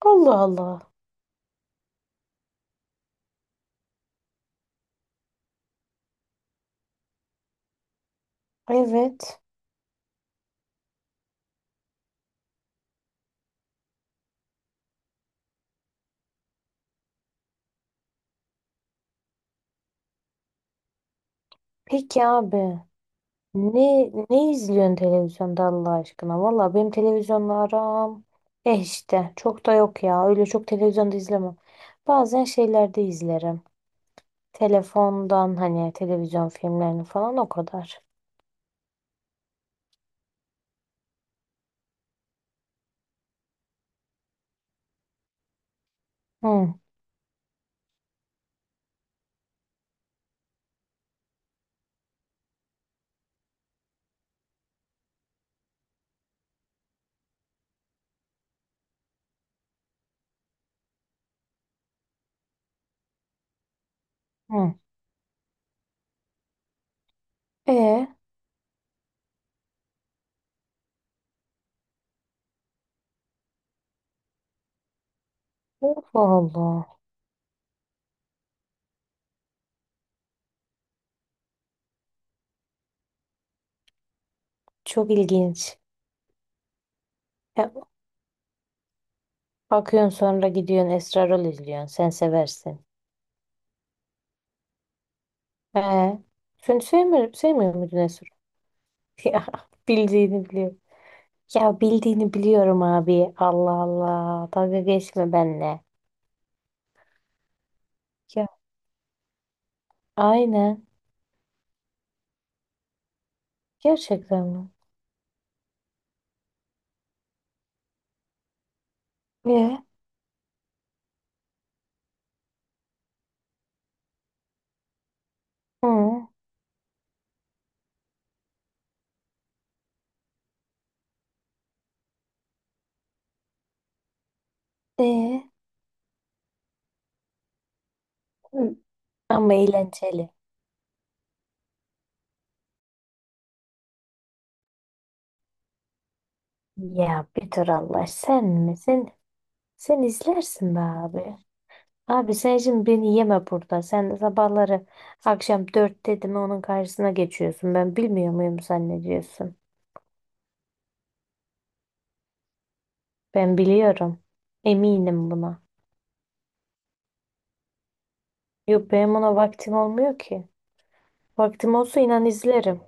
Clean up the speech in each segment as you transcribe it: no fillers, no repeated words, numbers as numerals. Allah Allah. Evet. Peki abi. Ne izliyorsun televizyonda Allah aşkına? Valla benim televizyonla aram. Eh işte. Çok da yok ya. Öyle çok televizyonda izlemem. Bazen şeylerde izlerim. Telefondan hani televizyon filmlerini falan o kadar. Hı hı. E Allah Allah. Çok ilginç. E, Bakıyorsun sonra gidiyorsun Esrarol izliyorsun. Sen seversin. E sen sevmiyor muydun Esrarol? Ya bildiğini biliyorum. Ya bildiğini biliyorum abi. Allah Allah. Dalga geçme benimle. Ya aynen. Gerçekten mi? E, Hı. e, hı. Ama eğlenceli. Ya bir dur Allah sen mi? Sen izlersin be abi. Abi sen şimdi beni yeme burada. Sen sabahları akşam dört dedim onun karşısına geçiyorsun. Ben bilmiyor muyum zannediyorsun? Ben biliyorum. Eminim buna. Yok benim ona vaktim olmuyor ki. Vaktim olsa inan izlerim.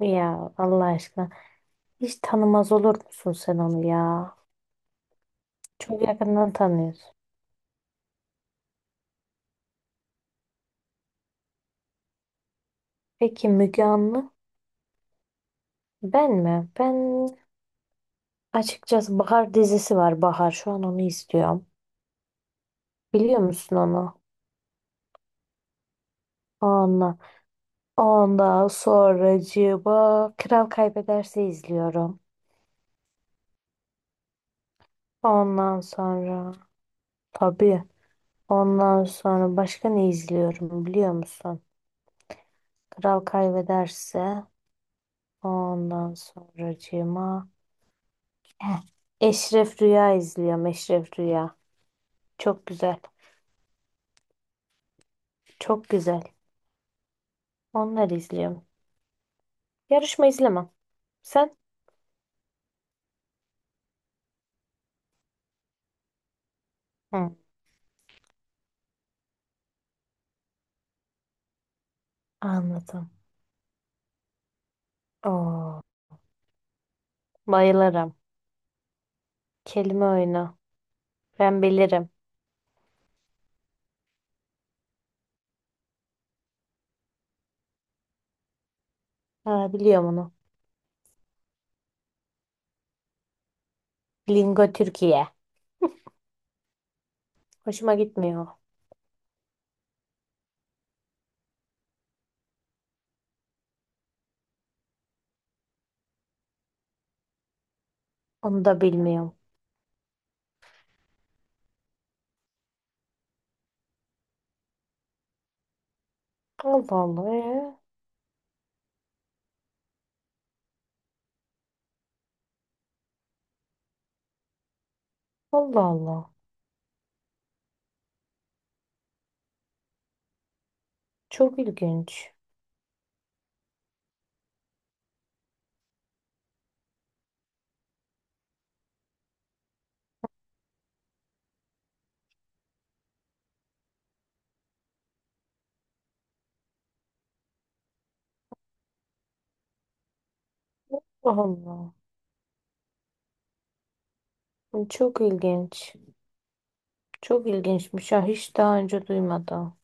Ya Allah aşkına. Hiç tanımaz olur musun sen onu ya? Çok yakından tanıyorsun. Peki Müge Anlı? Ben mi? Ben açıkçası Bahar dizisi var Bahar. Şu an onu izliyorum. Biliyor musun onu? Ondan, ondan sonracığıma Kral Kaybederse izliyorum. Ondan sonra tabii. Ondan sonra başka ne izliyorum biliyor musun? Kral Kaybederse ondan sonracığıma Heh. Eşref Rüya izliyorum. Eşref Rüya. Çok güzel. Çok güzel. Onları izliyorum. Yarışma izlemem. Sen? Hı. Anladım. Oo, bayılırım. Kelime oyunu. Ben bilirim. Ha, biliyorum onu. Lingo Türkiye. Hoşuma gitmiyor. Onu da bilmiyorum. Allah Allah. Ee? Allah Allah. Çok ilginç. Allah. Çok ilginç. Çok ilginçmiş. Ha, hiç daha önce duymadım.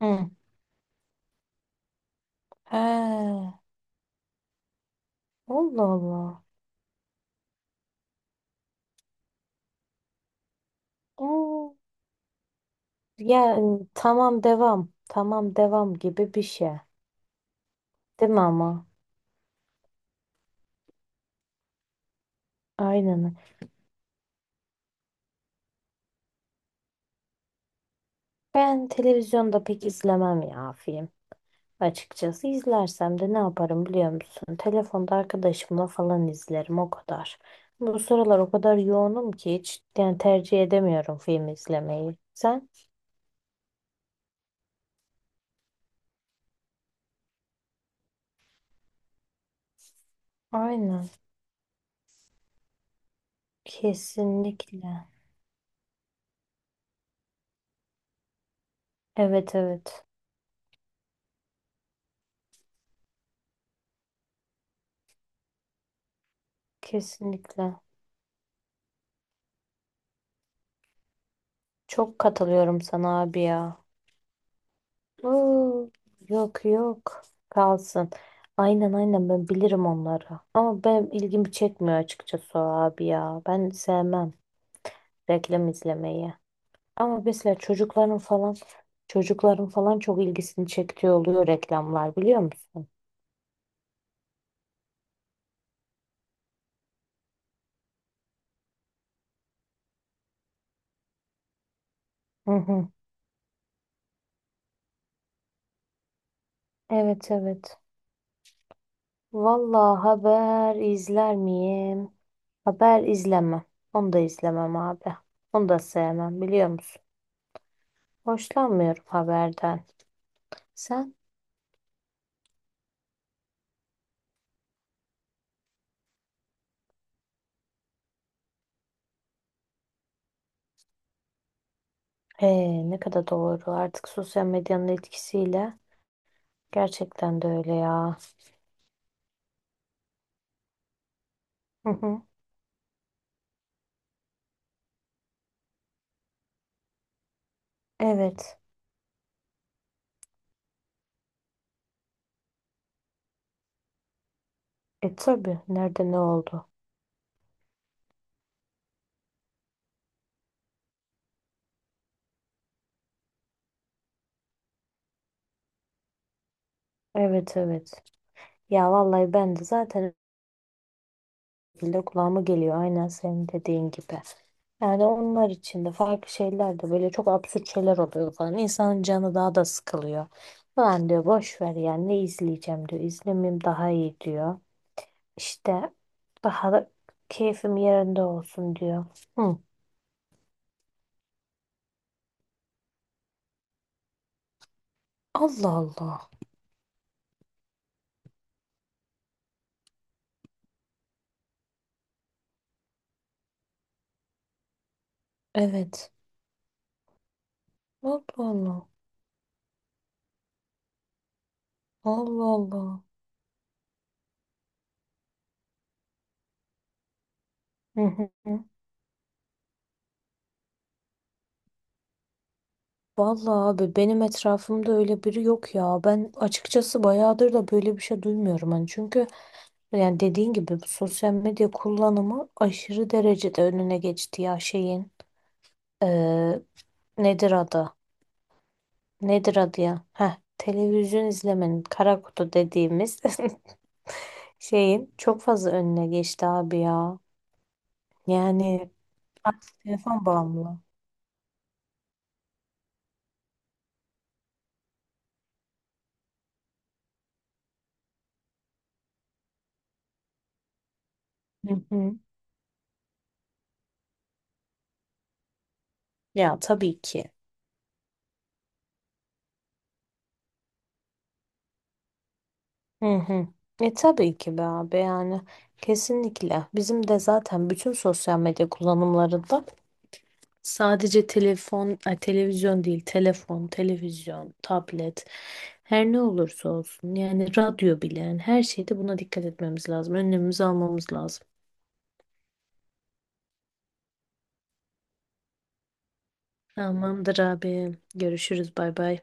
Hı. He. Allah Allah. Oo, yani tamam devam gibi bir şey. Değil mi ama? Aynen. Ben televizyonda pek izlemem ya film. Açıkçası izlersem de ne yaparım biliyor musun? Telefonda arkadaşımla falan izlerim o kadar. Bu sıralar o kadar yoğunum ki hiç yani tercih edemiyorum film izlemeyi. Sen? Aynen. Kesinlikle. Evet evet. Kesinlikle. Çok katılıyorum sana abi ya. Oo, yok yok kalsın. Aynen aynen ben bilirim onları. Ama benim ilgimi çekmiyor açıkçası o abi ya. Ben sevmem reklam izlemeyi. Ama mesela çocukların falan çok ilgisini çektiği oluyor reklamlar biliyor musun? Hı hı. Evet evet. Vallahi haber izler miyim? Haber izlemem. Onu da izlemem abi. Onu da sevmem biliyor musun? Hoşlanmıyorum haberden. Sen? Ne kadar doğru. Artık sosyal medyanın etkisiyle gerçekten de öyle ya. Hı hı. Evet. E tabii. Nerede ne oldu? Evet evet. Ya vallahi ben de zaten öyle şekilde kulağıma geliyor. Aynen senin dediğin gibi. Yani onlar için de farklı şeyler de böyle çok absürt şeyler oluyor falan. İnsanın canı daha da sıkılıyor. Falan diyor boş ver yani ne izleyeceğim diyor. İzlemeyeyim daha iyi diyor. İşte daha da keyfim yerinde olsun diyor. Hı. Allah Allah. Evet. Allah Allah. Allah Allah. Hı hı. hı. Vallahi abi benim etrafımda öyle biri yok ya. Ben açıkçası bayağıdır da böyle bir şey duymuyorum hani. Çünkü yani dediğin gibi bu sosyal medya kullanımı aşırı derecede önüne geçti ya şeyin. Ee, nedir adı? Nedir adı ya? Heh, televizyon izlemenin kara kutu dediğimiz şeyin çok fazla önüne geçti abi ya. Yani artık telefon bağımlı. Hı hı. Ya tabii ki. Hı hı. E tabii ki be abi yani kesinlikle bizim de zaten bütün sosyal medya kullanımlarında sadece telefon, ay, televizyon değil telefon, televizyon, tablet her ne olursa olsun yani radyo bile yani her şeyde buna dikkat etmemiz lazım. Önlemimizi almamız lazım. Tamamdır abi görüşürüz bay bay.